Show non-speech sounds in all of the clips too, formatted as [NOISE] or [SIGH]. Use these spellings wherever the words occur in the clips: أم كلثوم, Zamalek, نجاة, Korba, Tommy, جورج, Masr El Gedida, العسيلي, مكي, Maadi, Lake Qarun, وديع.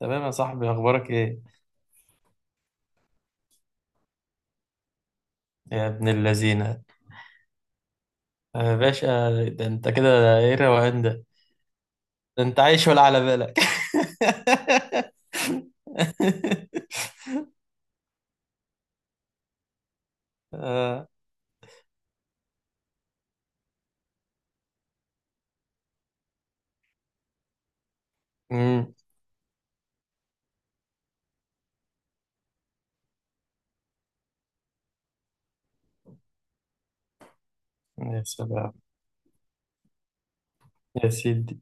تمام يا صاحبي، اخبارك ايه؟ يا ابن اللذينه، يا باشا. ده انت كده ايه الروقان ده؟ ده انت عايش ولا على بالك؟ [LAUGHS] آه. أمم، يا سلام. يا سيدي.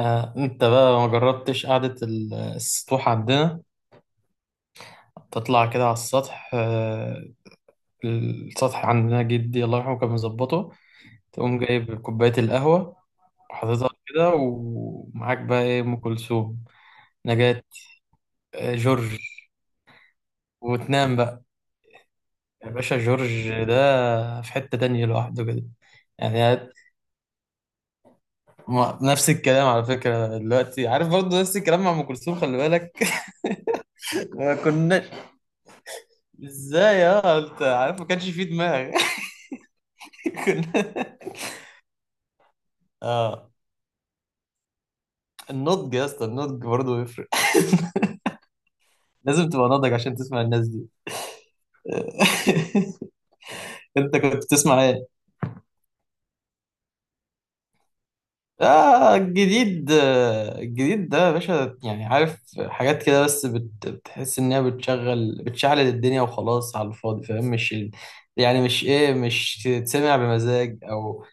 آه، انت بقى ما جربتش قعدة السطوح عندنا؟ تطلع كده على السطح. السطح عندنا جدي الله يرحمه كان مظبطه، تقوم جايب كوباية القهوة وحاططها كده، ومعاك بقى ايه؟ ام كلثوم، نجاة، جورج. وتنام بقى. يا باشا جورج ده في حتة تانية لوحده كده. يعني نفس الكلام على فكرة دلوقتي، عارف برضه نفس الكلام مع أم كلثوم، خلي بالك. [LAUGHS] ما كناش. ازاي؟ اه انت عارف ما كانش فيه دماغ. [LAUGHS] كنا. اه، النضج يا اسطى، النضج برضه يفرق. [LAUGHS] لازم تبقى ناضج عشان تسمع الناس دي. [LAUGHS] انت كنت بتسمع ايه؟ آه الجديد. الجديد ده يا باشا يعني عارف حاجات كده، بس بتحس إنها بتشغل بتشعل الدنيا وخلاص على الفاضي، فاهم؟ مش يعني مش إيه، مش تتسمع بمزاج أو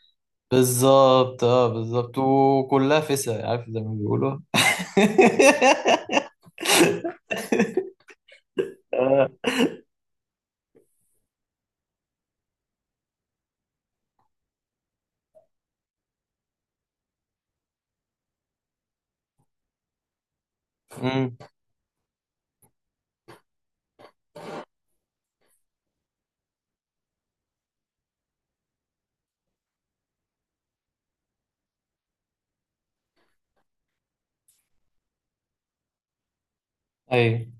بالظبط. اه بالظبط، وكلها فسا عارف زي ما بيقولوا. [LAUGHS] آه. أمم، أيوه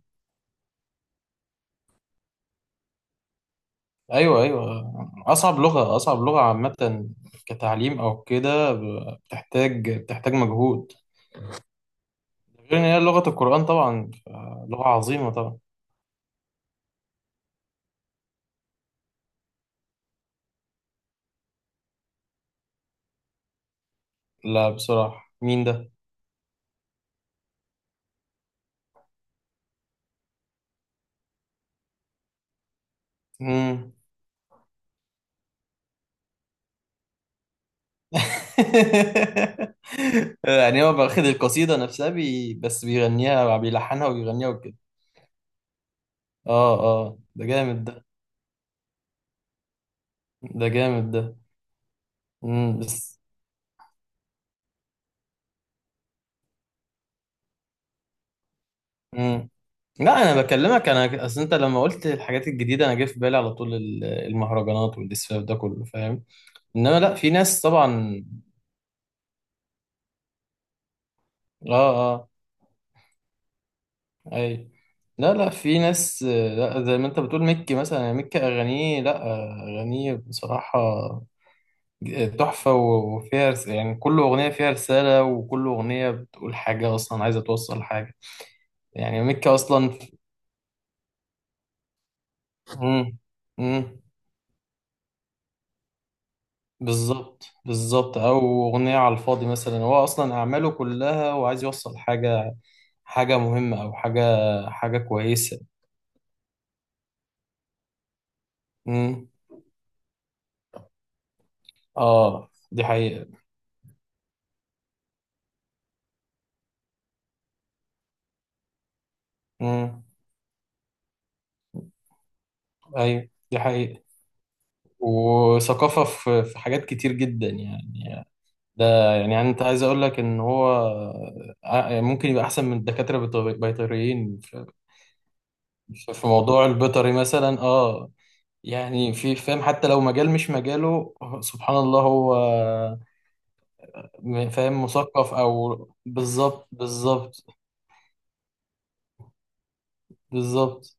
أيوه أيوه، أصعب لغة، أصعب لغة، عامة كتعليم أو كده، بتحتاج بتحتاج مجهود، غير ان هي لغة القرآن طبعا، لغة عظيمة طبعا. لا بصراحة مين ده؟ مم. [LAUGHS] يعني هو واخد القصيدة نفسها بس بيغنيها، بيلحنها وبيغنيها وكده. اه اه، ده جامد ده. ده جامد ده. مم بس. مم. لا انا بكلمك، انا اصل انت لما قلت الحاجات الجديده انا جه في بالي على طول المهرجانات والاسفاف ده كله، فاهم؟ انما لا في ناس طبعا. اه. آه. اي. لا لا، في ناس، لا زي ما انت بتقول مكي مثلا، مكي اغانيه لا، اغانيه بصراحة تحفة، وفيها يعني كل اغنية فيها رسالة، وكل اغنية بتقول حاجة، اصلا عايزة توصل حاجة. يعني مكي اصلا. امم. امم. بالظبط بالظبط، او اغنية على الفاضي مثلا، هو اصلا اعماله كلها وعايز يوصل حاجة، حاجة مهمة او حاجة، حاجة كويسة. امم. اه دي حقيقة. امم. ايوه دي حقيقة. وثقافة في حاجات كتير جدا يعني. ده يعني أنت عايز أقول لك إن هو ممكن يبقى أحسن من الدكاترة بيطريين في، في في موضوع البيطري مثلا، أه. يعني في، فاهم؟ حتى لو مجال مش مجاله، سبحان الله. هو فاهم، مثقف أو بالظبط، بالظبط بالظبط.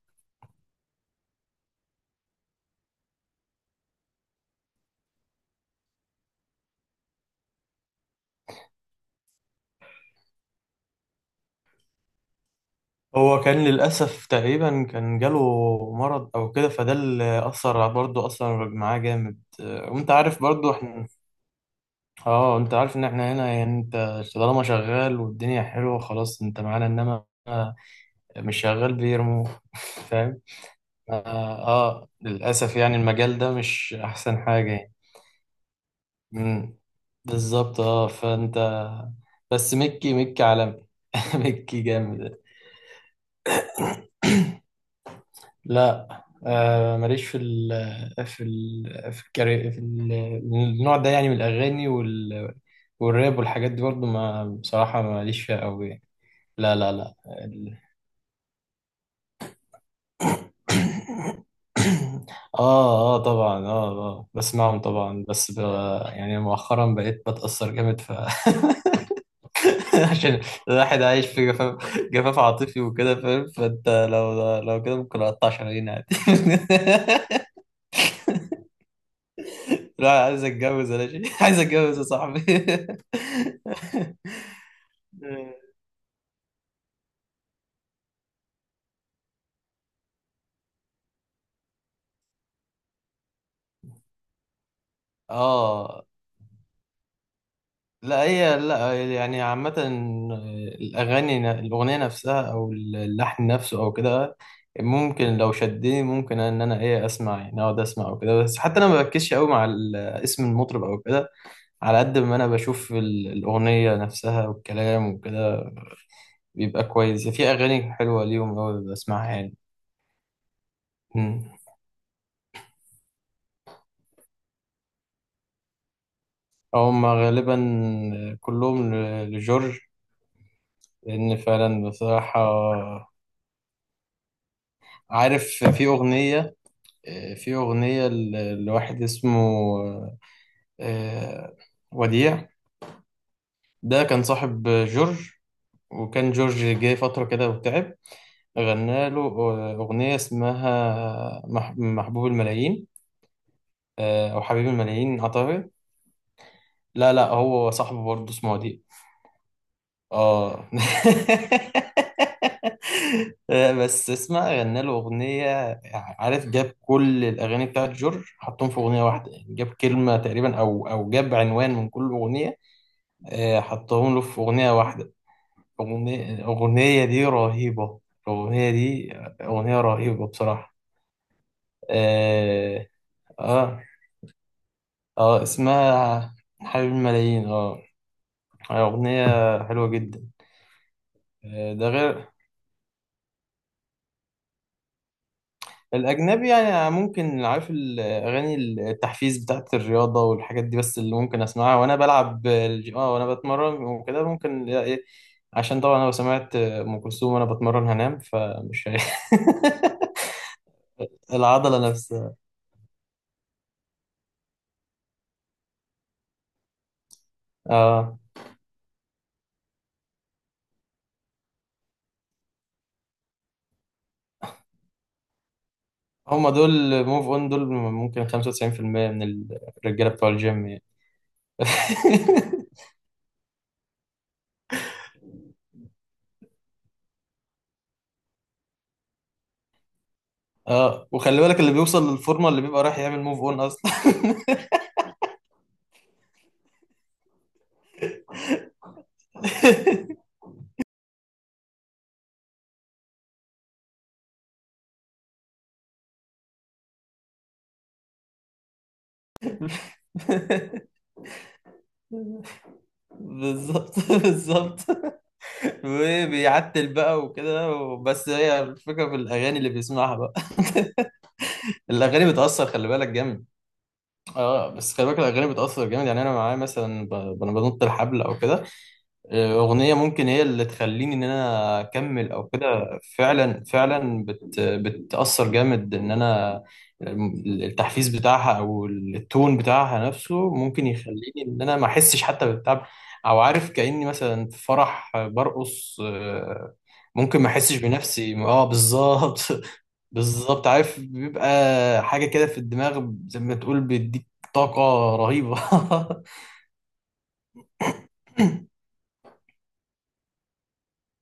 هو كان للأسف تقريبا كان جاله مرض أو كده، فده اللي أثر برضه أثر معاه جامد، وأنت عارف برضه إحنا. اه انت عارف ان احنا هنا يعني، انت طالما شغال والدنيا حلوه خلاص انت معانا، انما مش شغال بيرمو. [LAUGHS] فاهم. اه للاسف يعني المجال ده مش احسن حاجه يعني. امم. بالظبط، اه، فانت. بس مكي، مكي عالمي. [LAUGHS] مكي جامد. لا آه، ماليش في ال في ال في, الكاري في ال النوع ده يعني من الاغاني، وال والراب والحاجات دي برضو، ما بصراحه ماليش فيها قوي. لا لا لا. اه اه طبعا، اه اه بسمعهم طبعا بس يعني مؤخرا بقيت بتأثر جامد ف. [LAUGHS] عشان الواحد عايش في جفاف، جفاف عاطفي وكده، فاهم؟ فانت لو كده ممكن اقطع شرايين عادي. [LAUGHS] لا عايز اتجوز ولا شيء، عايز اتجوز يا صاحبي. [LAUGHS] اه. لا هي لا يعني، عامة الأغاني، الأغنية نفسها أو اللحن نفسه أو كده ممكن، لو شدني ممكن إن أنا إيه أسمع، يعني أقعد أسمع أو كده، بس حتى أنا ما بركزش أوي مع اسم المطرب أو كده، على قد ما أنا بشوف الأغنية نفسها والكلام وكده بيبقى كويس. في أغاني حلوة ليهم أوي بسمعها يعني. مم. هما غالبا كلهم لجورج، لأن فعلا بصراحة عارف. في أغنية، في أغنية لواحد اسمه آه، وديع. ده كان صاحب جورج، وكان جورج جه فترة كده وتعب، غنى له أغنية اسمها محبوب الملايين، أو حبيب الملايين أعتقد. لا لا هو صاحبه برضه، اسمه وديع. اه. [LAUGHS] بس اسمع، غنى له اغنيه. عارف جاب كل الاغاني بتاعت جورج، حطهم في اغنيه واحده، يعني جاب كلمه تقريبا او او جاب عنوان من كل اغنيه، حطهم له في اغنيه واحده. اغنيه، الاغنيه دي رهيبه. الاغنيه دي اغنيه رهيبه بصراحه. اه اه, آه اسمها حبيب الملايين، اه. اغنيه حلوه جدا. ده غير. الأجنبي يعني ممكن عارف، الأغاني التحفيز بتاعت الرياضة والحاجات دي بس اللي ممكن أسمعها، وأنا بلعب آه وأنا بتمرن وكده ممكن، لا إيه، عشان طبعا أنا لو سمعت أم كلثوم وأنا بتمرن هنام، فمش [LAUGHS] العضلة نفسها. آه هما دول موف أون، دول ممكن 95% من الرجالة بتوع الجيم يعني. [LAUGHS] آه، وخلي بالك اللي بيوصل للفورمة اللي بيبقى رايح يعمل موف أون أصلا. [LAUGHS] بالظبط بالظبط، وبيعتل بقى وكده، بس هي الفكرة في الأغاني اللي بيسمعها بقى. [LAUGHS] الأغاني بتأثر خلي بالك جامد. اه بس خلي بالك الأغاني بتأثر جامد، يعني أنا معايا مثلا أنا بنط الحبل أو كده، أغنية ممكن هي اللي تخليني إن أنا أكمل أو كده، فعلا فعلا بتأثر جامد إن أنا، التحفيز بتاعها أو التون بتاعها نفسه ممكن يخليني إن أنا ما أحسش حتى بالتعب، أو عارف كأني مثلا في فرح برقص، ممكن ما أحسش بنفسي. أه بالظبط. [LAUGHS] بالظبط، عارف بيبقى حاجة كده في الدماغ زي ما تقول بيديك طاقة رهيبة.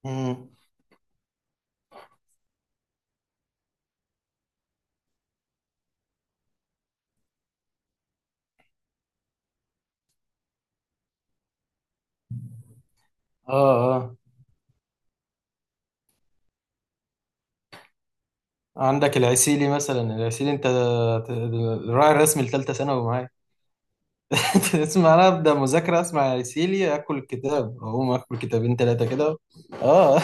[LAUGHS] مم. اه عندك العسيلي مثلا، العسيلي انت الراعي الرسمي لثالثه ثانوي معايا. [LAUGHS] اسمع انا ابدا مذاكره اسمع العسيلي، اكل الكتاب اقوم اكل 2 3 كده. اه اه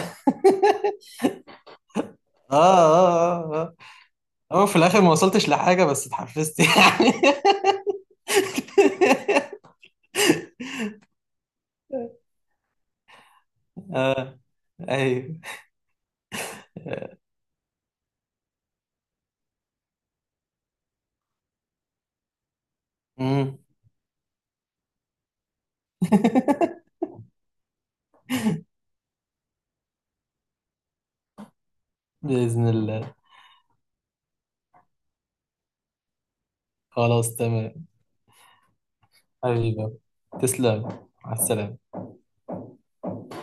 اه، اه اه اه، في الاخر ما وصلتش لحاجه بس اتحفزت. [LAUGHS] يعني. اه. ايوه. مم. [LAUGHS] باذن الله. خلاص تمام. حبيبي تسلم. على السلامه.